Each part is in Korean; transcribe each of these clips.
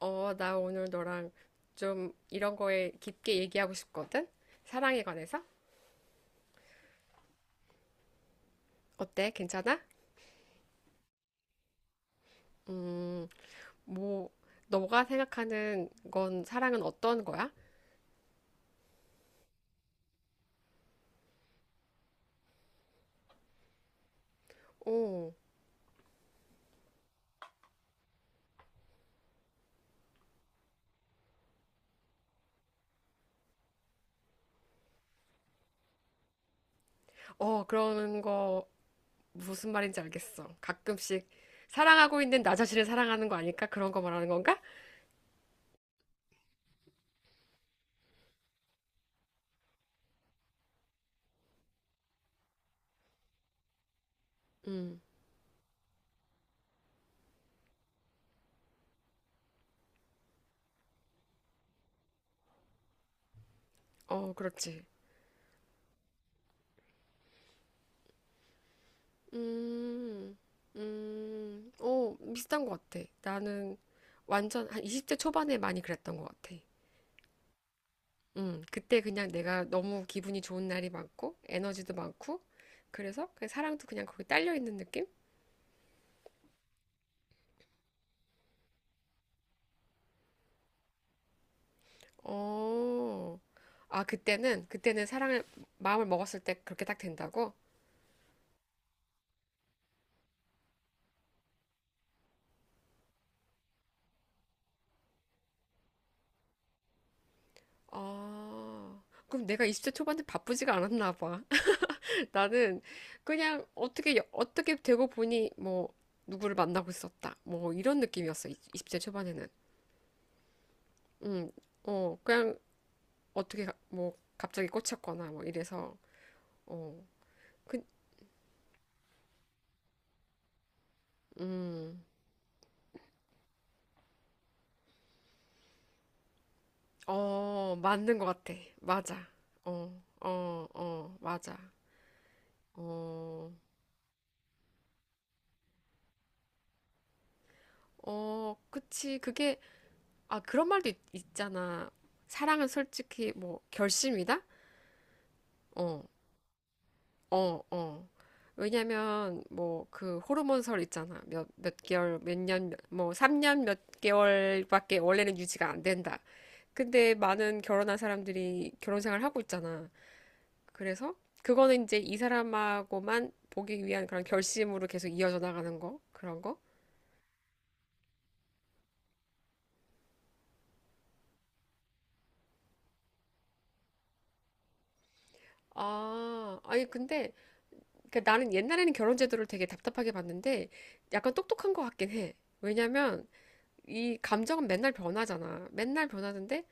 나 오늘 너랑 좀 이런 거에 깊게 얘기하고 싶거든? 사랑에 관해서? 어때? 괜찮아? 음, 뭐, 너가 생각하는 건 사랑은 어떤 거야? 오, 그런 거 무슨 말인지 알겠어. 가끔씩 사랑하고 있는 나 자신을 사랑하는 거 아닐까? 그런 거 말하는 건가? 음, 그렇지. 음, 비슷한 것 같아. 나는 완전 한 20대 초반에 많이 그랬던 것 같아. 그때 그냥 내가 너무 기분이 좋은 날이 많고, 에너지도 많고, 그래서 그 사랑도 그냥 거기 딸려 있는 느낌? 어, 아, 그때는 사랑을, 마음을 먹었을 때 그렇게 딱 된다고? 아, 그럼 내가 20대 초반에 바쁘지가 않았나 봐. 나는 그냥 어떻게 되고 보니 뭐, 누구를 만나고 있었다. 뭐, 이런 느낌이었어. 20대 초반에는. 음, 그냥 뭐, 갑자기 꽂혔거나 뭐 이래서, 어. 그, 음, 맞는 것 같아. 맞아. 맞아. 어, 어, 그치. 아, 그런 말도 있잖아. 사랑은 솔직히, 뭐, 결심이다? 어, 어. 왜냐면, 뭐, 그, 호르몬설 있잖아. 몇 개월, 몇 년, 뭐, 3년 몇 개월밖에 원래는 유지가 안 된다. 근데 많은 결혼한 사람들이 결혼 생활 하고 있잖아. 그래서 그거는 이제 이 사람하고만 보기 위한 그런 결심으로 계속 이어져 나가는 거 그런 거? 아, 아니 근데 그 나는 옛날에는 결혼 제도를 되게 답답하게 봤는데 약간 똑똑한 것 같긴 해. 왜냐면 이 감정은 맨날 변하잖아. 맨날 변하는데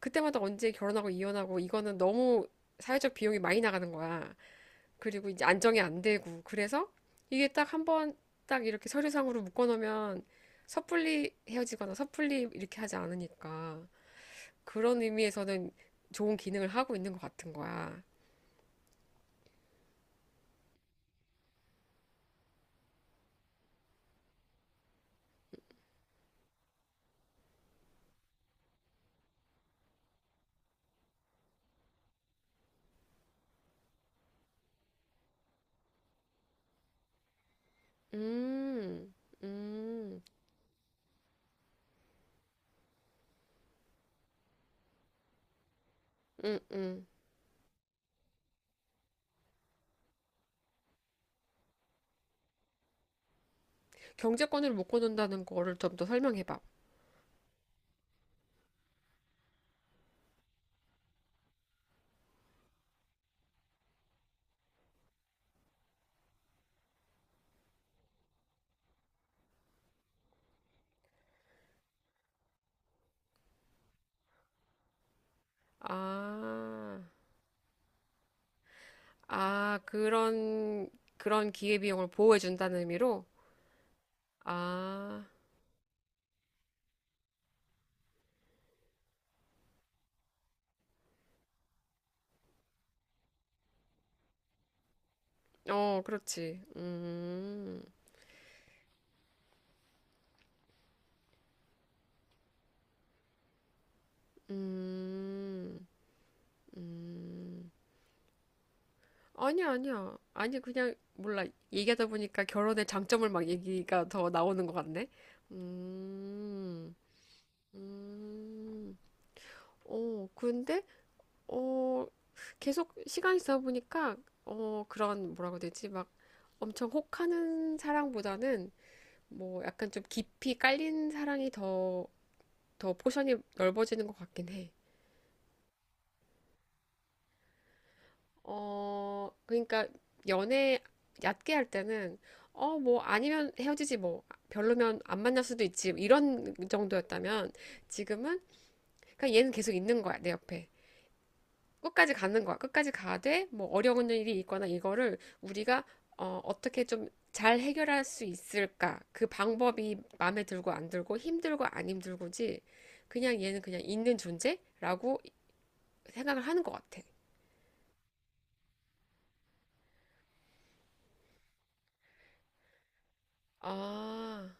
그때마다 언제 결혼하고 이혼하고 이거는 너무 사회적 비용이 많이 나가는 거야. 그리고 이제 안정이 안 되고 그래서 이게 딱 한번 딱 이렇게 서류상으로 묶어놓으면 섣불리 헤어지거나 섣불리 이렇게 하지 않으니까 그런 의미에서는 좋은 기능을 하고 있는 것 같은 거야. 음, 음, 음, 음. 경제권을 묶어놓는다는 거를 좀 더 설명해봐. 아, 아, 그런 기회비용을 보호해준다는 의미로? 아, 그렇지. 음. 음, 아니야, 아니야. 아니, 그냥, 몰라. 얘기하다 보니까 결혼의 장점을 막 얘기가 더 나오는 것 같네. 음, 음, 근데, 어, 계속 시간이 지나 보니까, 그런, 뭐라고 해야 되지? 막 엄청 혹하는 사랑보다는, 뭐, 약간 좀 깊이 깔린 사랑이 더, 더 포션이 넓어지는 것 같긴 해. 그러니까 연애 얕게 할 때는 어, 뭐 아니면 헤어지지 뭐 별로면 안 만날 수도 있지 이런 정도였다면 지금은 그냥 얘는 계속 있는 거야 내 옆에 끝까지 가는 거야 끝까지 가되 뭐 어려운 일이 있거나 이거를 우리가 어떻게 좀 잘 해결할 수 있을까 그 방법이 마음에 들고 안 들고 힘들고 안 힘들고지 그냥 얘는 그냥 있는 존재라고 생각을 하는 것 같아. 아.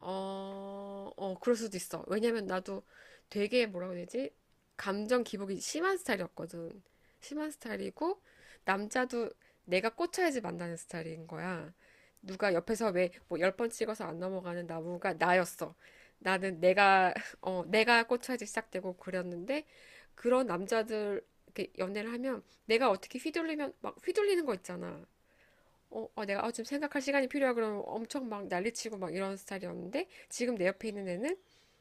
어, 어, 그럴 수도 있어. 왜냐면 나도 되게 뭐라고 해야 되지? 감정 기복이 심한 스타일이었거든. 심한 스타일이고, 남자도 내가 꽂혀야지 만나는 스타일인 거야. 누가 옆에서 왜 뭐 열 번 찍어서 안 넘어가는 나무가 나였어. 나는 내가, 내가 꽂혀야지 시작되고 그랬는데, 그런 남자들, 이렇게 연애를 하면 내가 어떻게 휘둘리면 막 휘둘리는 거 있잖아. 지금 생각할 시간이 필요하 그러면 엄청 막 난리치고 막 이런 스타일이었는데 지금 내 옆에 있는 애는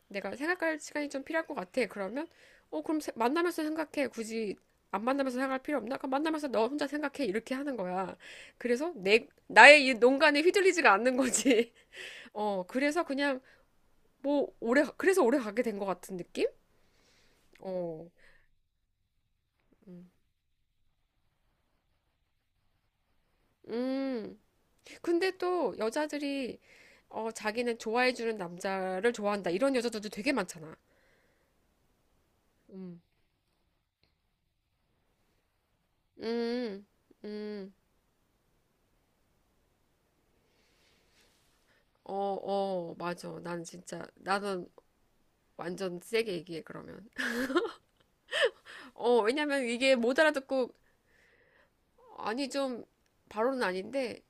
내가 생각할 시간이 좀 필요할 것 같아. 그러면 그럼 만나면서 생각해. 굳이 안 만나면서 생각할 필요 없나? 그럼 만나면서 너 혼자 생각해. 이렇게 하는 거야. 그래서 내 나의 이 농간에 휘둘리지가 않는 거지. 그래서 그냥 그래서 오래 가게 된 것 같은 느낌? 어. 음. 음. 근데 또 여자들이 자기는 좋아해주는 남자를 좋아한다. 이런 여자들도 되게 많잖아. 음. 음, 음, 어, 어, 맞아. 나는 완전 세게 얘기해, 그러면. 왜냐면 이게 못 알아듣고, 아니, 좀, 바로는 아닌데,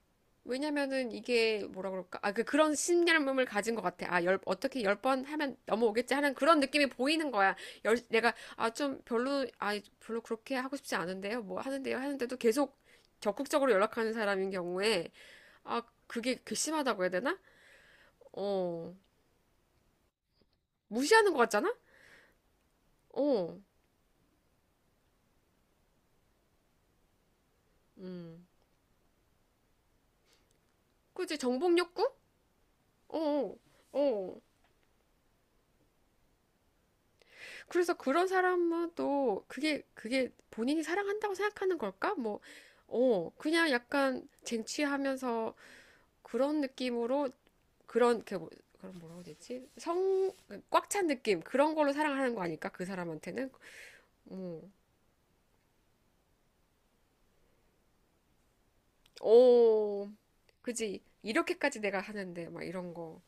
왜냐면은 이게 뭐라 그럴까? 아, 그, 그런 신념을 가진 것 같아. 어떻게 열 번 하면 넘어오겠지 하는 그런 느낌이 보이는 거야. 열, 내가, 아, 좀 별로, 아, 별로 그렇게 하고 싶지 않은데요. 뭐 하는데요. 하는데도 계속 적극적으로 연락하는 사람인 경우에, 아, 그게 괘씸하다고 해야 되나? 어. 무시하는 것 같잖아? 어, 음. 그지? 정복 욕구? 어, 어. 그래서 그런 사람은 또 그게 본인이 사랑한다고 생각하는 걸까? 뭐, 그냥 약간 쟁취하면서 그런 느낌으로 그런, 그, 뭐- 그런 뭐라고 해야 되지? 성, 꽉 찬 느낌. 그런 걸로 사랑하는 거 아닐까? 그 사람한테는? 음. 어, 그지? 이렇게까지 내가 하는데, 막 이런 거.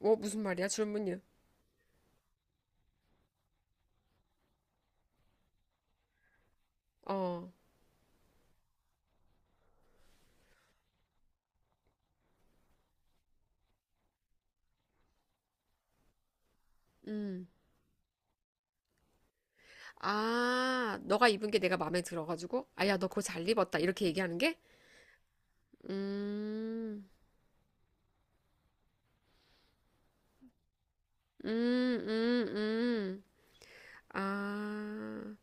뭐, 무슨 말이야? 줄무늬. 어, 음. 아, 너가 입은 게 내가 마음에 들어가지고, 아, 야, 너 그거 잘 입었다. 이렇게 얘기하는 게? 음, 음, 음, 음. 아,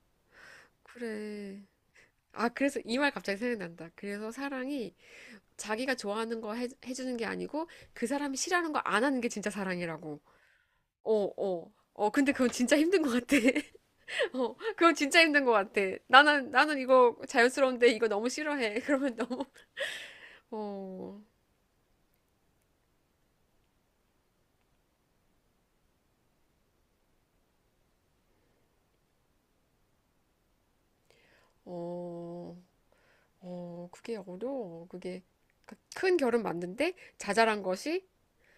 그래. 아, 그래서 이 말 갑자기 생각난다. 그래서 사랑이 자기가 좋아하는 거 해주는 게 아니고, 그 사람이 싫어하는 거 안 하는 게 진짜 사랑이라고. 어, 어. 어, 근데 그건 진짜 힘든 것 같아. 어, 그건 진짜 힘든 것 같아. 나는 이거 자연스러운데 이거 너무 싫어해. 그러면 너무, 어, 어. 어, 그게 어려워. 그게 그러니까 큰 결은 맞는데 자잘한 것이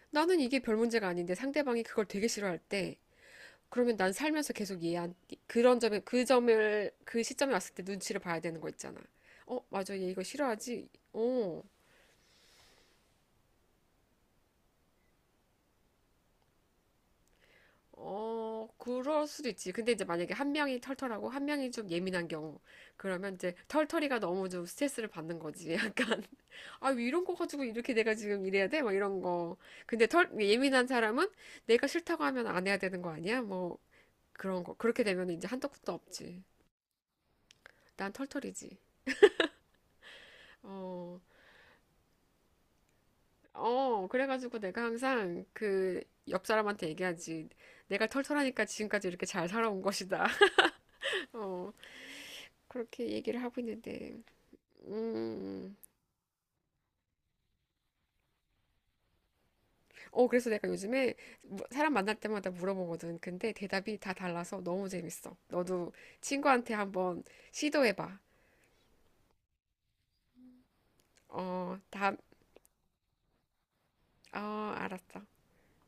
나는 이게 별 문제가 아닌데 상대방이 그걸 되게 싫어할 때 그러면 난 살면서 계속 얘한 그런 점에 그 점을 그 시점에 왔을 때 눈치를 봐야 되는 거 있잖아. 어, 맞아. 얘 이거 싫어하지? 어. 어, 그럴 수도 있지. 근데 이제 만약에 한 명이 털털하고 한 명이 좀 예민한 경우, 그러면 이제 털털이가 너무 좀 스트레스를 받는 거지. 약간, 아, 왜 이런 거 가지고 이렇게 내가 지금 이래야 돼? 막 이런 거. 근데 예민한 사람은 내가 싫다고 하면 안 해야 되는 거 아니야? 뭐, 그런 거. 그렇게 되면 이제 한도 끝도 없지. 난 털털이지. 어, 어, 그래가지고 내가 항상 그 옆 사람한테 얘기하지. 내가 털털하니까 지금까지 이렇게 잘 살아온 것이다. 어, 그렇게 얘기를 하고 있는데. 음. 음. 어, 그래서 내가 요즘에 사람 만날 때마다 물어보거든. 근데 대답이 다 달라서 너무 재밌어. 너도 친구한테 한번 시도해봐. 어, 다, 어, 알았어.